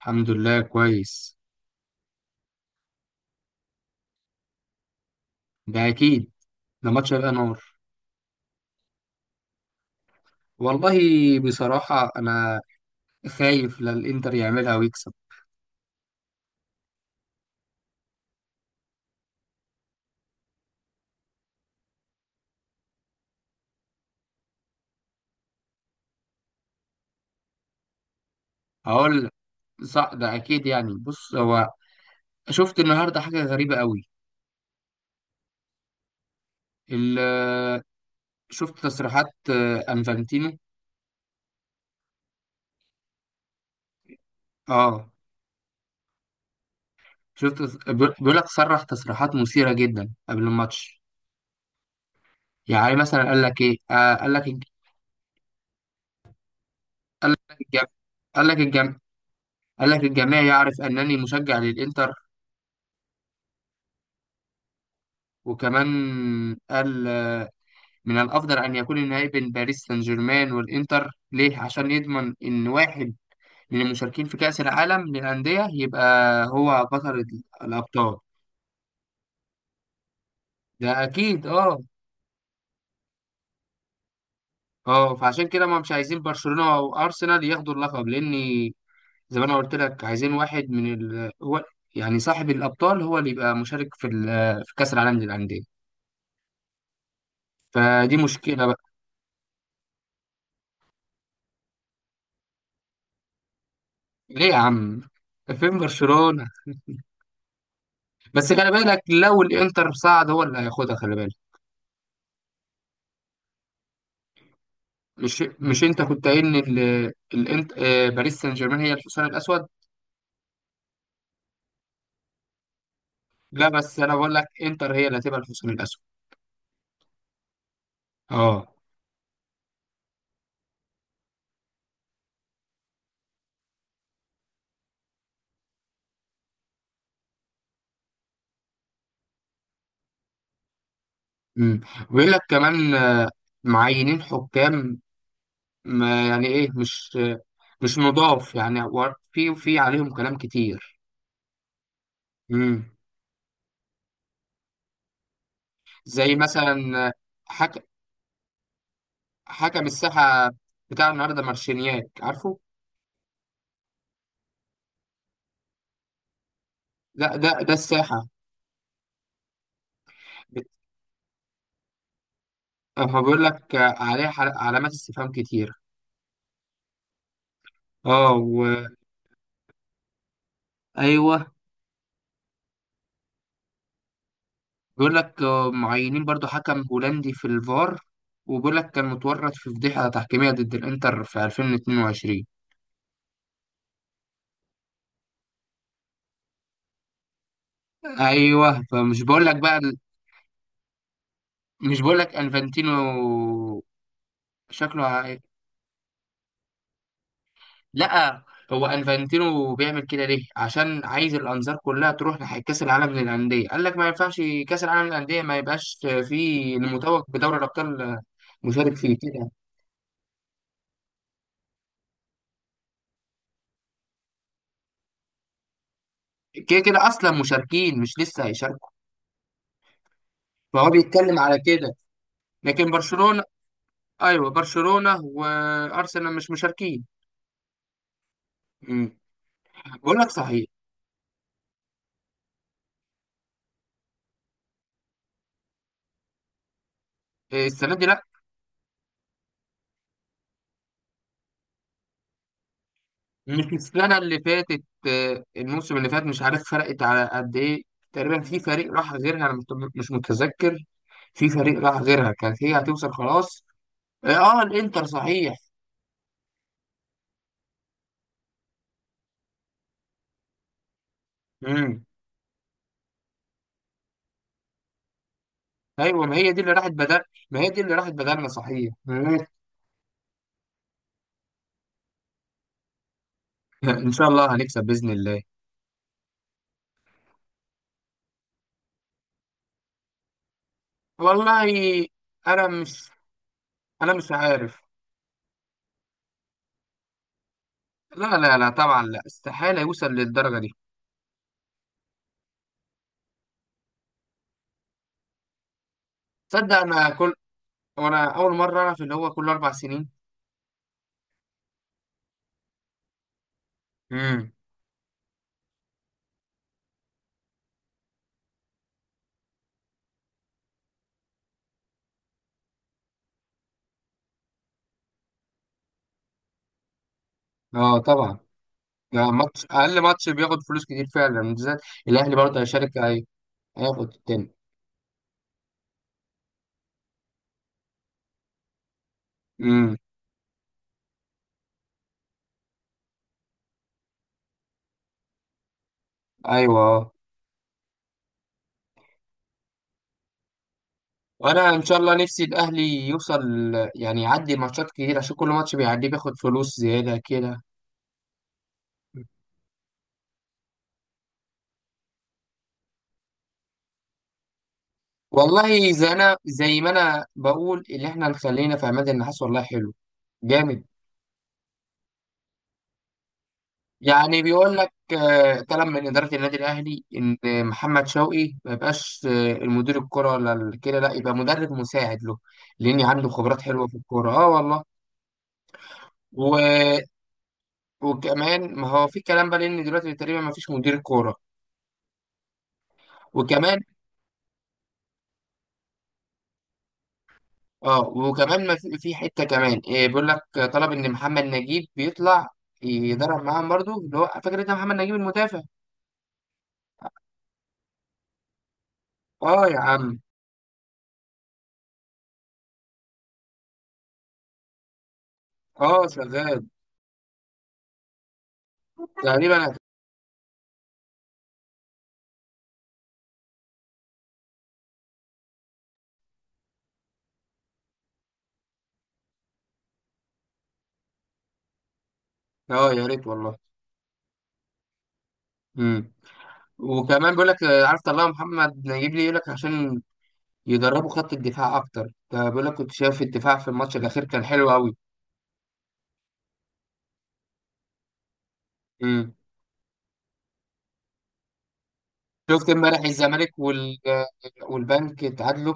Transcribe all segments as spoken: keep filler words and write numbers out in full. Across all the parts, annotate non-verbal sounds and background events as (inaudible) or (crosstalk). الحمد لله كويس. ده اكيد. ده ماتش هيبقى نار. والله، بصراحة انا خايف لا الانتر يعملها ويكسب. هقول لك، صح ده اكيد. يعني بص، هو شفت النهاردة حاجة غريبة قوي. ال- شفت تصريحات آه، انفانتينو. اه. شفت، بيقول بيقول لك، صرح تصريحات مثيرة جدا قبل الماتش. يعني مثلا قال لك ايه، آه قال لك الج- قال لك الجم... قال لك الجم... قال لك الجميع يعرف انني مشجع للانتر. وكمان قال، من الأفضل أن يكون النهائي بين باريس سان جيرمان والإنتر. ليه؟ عشان يضمن إن واحد من المشاركين في كأس العالم للأندية يبقى هو بطل ال- الأبطال. ده أكيد أه. أه، فعشان كده ما مش عايزين برشلونة أو أرسنال ياخدوا اللقب، لأن زي ما أنا قلت لك، عايزين واحد من ال... هو يعني صاحب الأبطال هو اللي يبقى مشارك في ال... في كأس العالم للأندية. فدي مشكلة بقى. ليه يا عم؟ فين برشلونة؟ بس خلي بالك، لو الإنتر صعد هو اللي هياخدها، خلي بالك. مش مش انت كنت قايل ان ال... الانت... آه، باريس سان جيرمان هي الحصان الاسود؟ لا، بس انا بقول لك، انتر هي اللي هتبقى الحصان الاسود. اه. امم. ويقول لك كمان آه، معينين حكام، ما يعني ايه مش آه، مش نضاف يعني، و- في في عليهم كلام كتير. امم. زي مثلا آه، حك... حكم الساحه بتاع النهارده مارشينياك، عارفه. لا، ده ده الساحه. بت... آه، بيقول لك آه، عليه حل- علامات استفهام كتير. اه و... ايوه، بيقول لك آه، معينين برضو حكم هولندي في الفار، وبيقول لك كان متورط في فضيحة تحكيمية ضد الإنتر في ألفين واثنين وعشرين. أيوه. فمش بقول لك بقى ال- مش بقول لك أنفانتينو شكله ع- لا، هو أنفانتينو بيعمل كده ليه؟ عشان عايز الأنظار كلها تروح ناحية كأس العالم للأندية. قال لك ما ينفعش كأس العالم للأندية ما يبقاش فيه المتوج بدوري الأبطال مشارك فيه. كده كده كده أصلا مشاركين، مش لسه هيشاركوا. فهو بيتكلم على كده، لكن برشلونة... ايوه، برشلونه وارسنال مش مشاركين. امم. بقول لك صحيح، آه، السنه دي لا. مش السنه اللي فاتت آه، الموسم اللي فات، مش عارف فرقت على قد ايه، تقريبا في فريق راح غيرها. انا مت- مش متذكر. في فريق راح غيرها، كانت هي هتوصل خلاص. اه آه، الانتر صحيح. امم. ايوه، ما هي دي اللي راحت بدل. ما هي دي اللي راحت بدلنا صحيح. مم. (laughs) ان شاء الله هنكسب باذن الله. والله، انا مش انا مش عارف. لا لا لا، طبعا لا، استحاله يوصل للدرجه دي. تصدق انا كل، وانا اول مره اعرف ان هو كل اربع سنين. امم. اه طبعا. ده ماتش اقل ماتش بياخد فلوس كتير فعلا، بالذات الاهلي برضه هيشارك، هي- هياخد التاني. امم. ايوه اه. وانا ان شاء الله نفسي الاهلي يوصل، يعني يعدي ماتشات كتير عشان كل ماتش بيعديه بياخد فلوس زياده كده. والله زي انا زي ما انا بقول، اللي احنا خلينا في عماد النحاس والله حلو جامد. يعني بيقول لك آه، كلام من إدارة النادي الأهلي، إن محمد شوقي ما يبقاش آه، المدير الكرة ولا ال- كده، لا يبقى مدرب مساعد له، لأن عنده خبرات حلوة في الكورة أه والله. و... وكمان ما هو في كلام بقى، لأن دلوقتي تقريبا ما فيش مدير كورة. وكمان أه، وكمان ما في، في حتة كمان آه، بيقول لك آه، طلب إن محمد نجيب بيطلع يدرب معاهم برضه، اللي هو فاكر أنت محمد نجيب المدافع. أه يا عم. أه شغال تقريبا. أه يا ريت والله. مم. وكمان بيقول لك آه، عارف طلع محمد نجيب لي، يقول لك عشان يدربوا خط الدفاع اكتر، فبيقول لك كنت شايف الدفاع في الماتش الاخير كان حلو قوي. امم. شفت امبارح الزمالك وال... آه، والبنك اتعادلوا.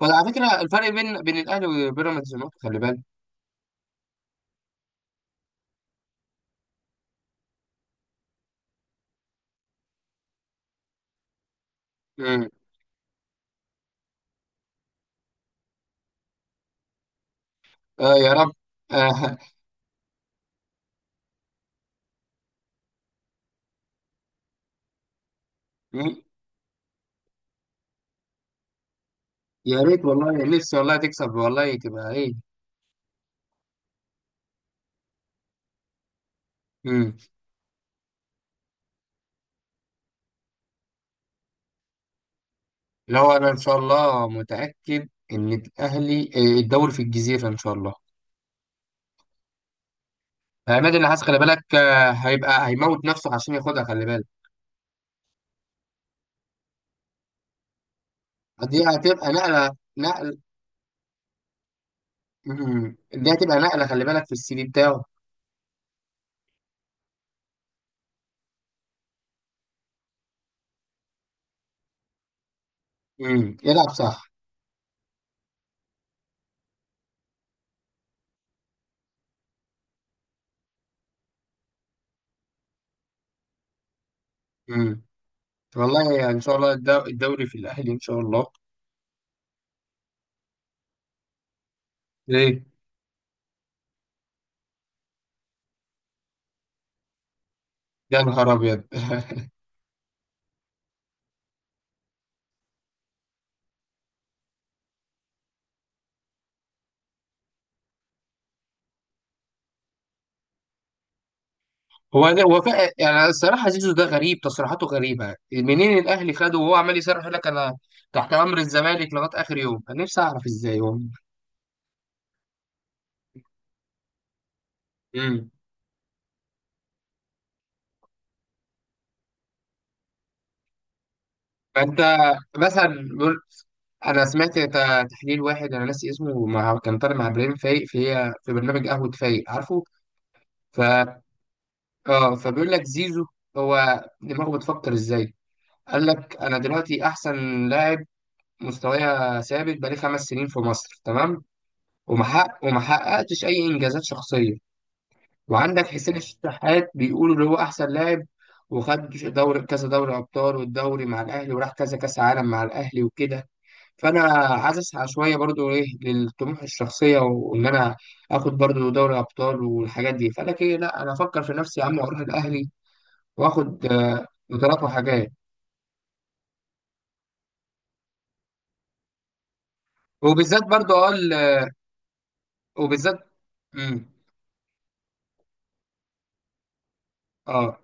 وعلى فكره الفرق بين بين الاهلي وبيراميدز نقطه، خلي بالك. امم. اه يا رب. آه. (laughs) يا ريت والله. نفسي والله تكسب والله تبقى ايه. امم. اللي هو انا ان شاء الله متاكد ان الاهلي آه، الدوري في الجزيره ان شاء الله. عماد النحاس خلي بالك آه، هيبقى هيموت نفسه عشان ياخدها، خلي بالك. دي هتبقى نقلة. نقل. مم. دي هتبقى نقلة خلي بالك في السي في بتاعه. مم. يلعب صح. مم. والله يعني ان شاء الله الدو- الدوري في الاهلي ان شاء الله. ليه؟ يا نهار ابيض. (laughs) هو ده- هو فا- يعني الصراحه زيزو ده غريب تصريحاته غريبه. منين الاهلي خده وهو عمال يصرح يقول لك، انا تحت امر الزمالك لغايه اخر يوم. انا نفسي اعرف ازاي هو. مم. فانت مثلا بقول- انا سمعت ت- تحليل واحد انا ناسي اسمه، مع كان طالع مع ابراهيم فايق في في برنامج قهوه فايق، عارفه. ف اه فبيقول لك زيزو هو دماغه بتفكر ازاي. قال لك انا دلوقتي احسن لاعب، مستوايا ثابت بقالي خمس سنين في مصر تمام. ومحقق ومحققتش اي انجازات شخصيه. وعندك حسين الشحات بيقولوا اللي هو احسن لاعب، وخد دوري كذا، دوري ابطال والدوري مع الاهلي، وراح كذا كاس عالم مع الاهلي وكده. فانا عايز اسعى شويه برضو ايه للطموح الشخصيه، وان انا اخد برضو دوري ابطال والحاجات دي. فانا كده لا، انا افكر في نفسي يا عم واروح الاهلي واخد آه، بطولات وحاجات. وبالذات برضو اه ال- وبالذات مم، اه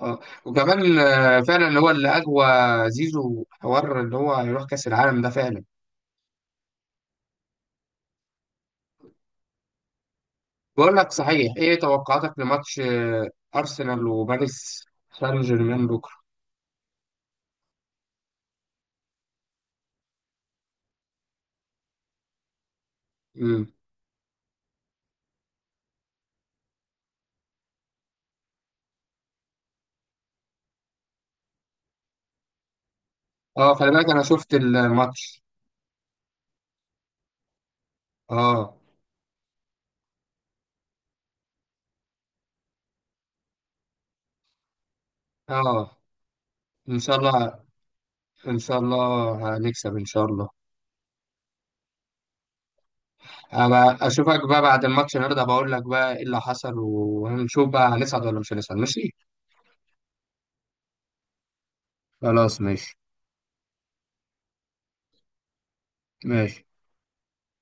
اه وكمان آه، فعلا اللي هو اللي اقوى، زيزو حوار اللي هو يروح كاس العالم ده فعلا. بقول لك صحيح، ايه توقعاتك لماتش آه، ارسنال وباريس سان جيرمان بكره؟ مم. اه خلي بالك انا شفت الماتش. اه. اه ان شاء الله. ان شاء الله هنكسب ان شاء الله. ابقى اشوفك بقى بعد الماتش النهارده، بقول لك بقى ايه اللي حصل، وهنشوف بقى هنصعد ولا مش هنصعد ماشي. خلاص ماشي. ماشي.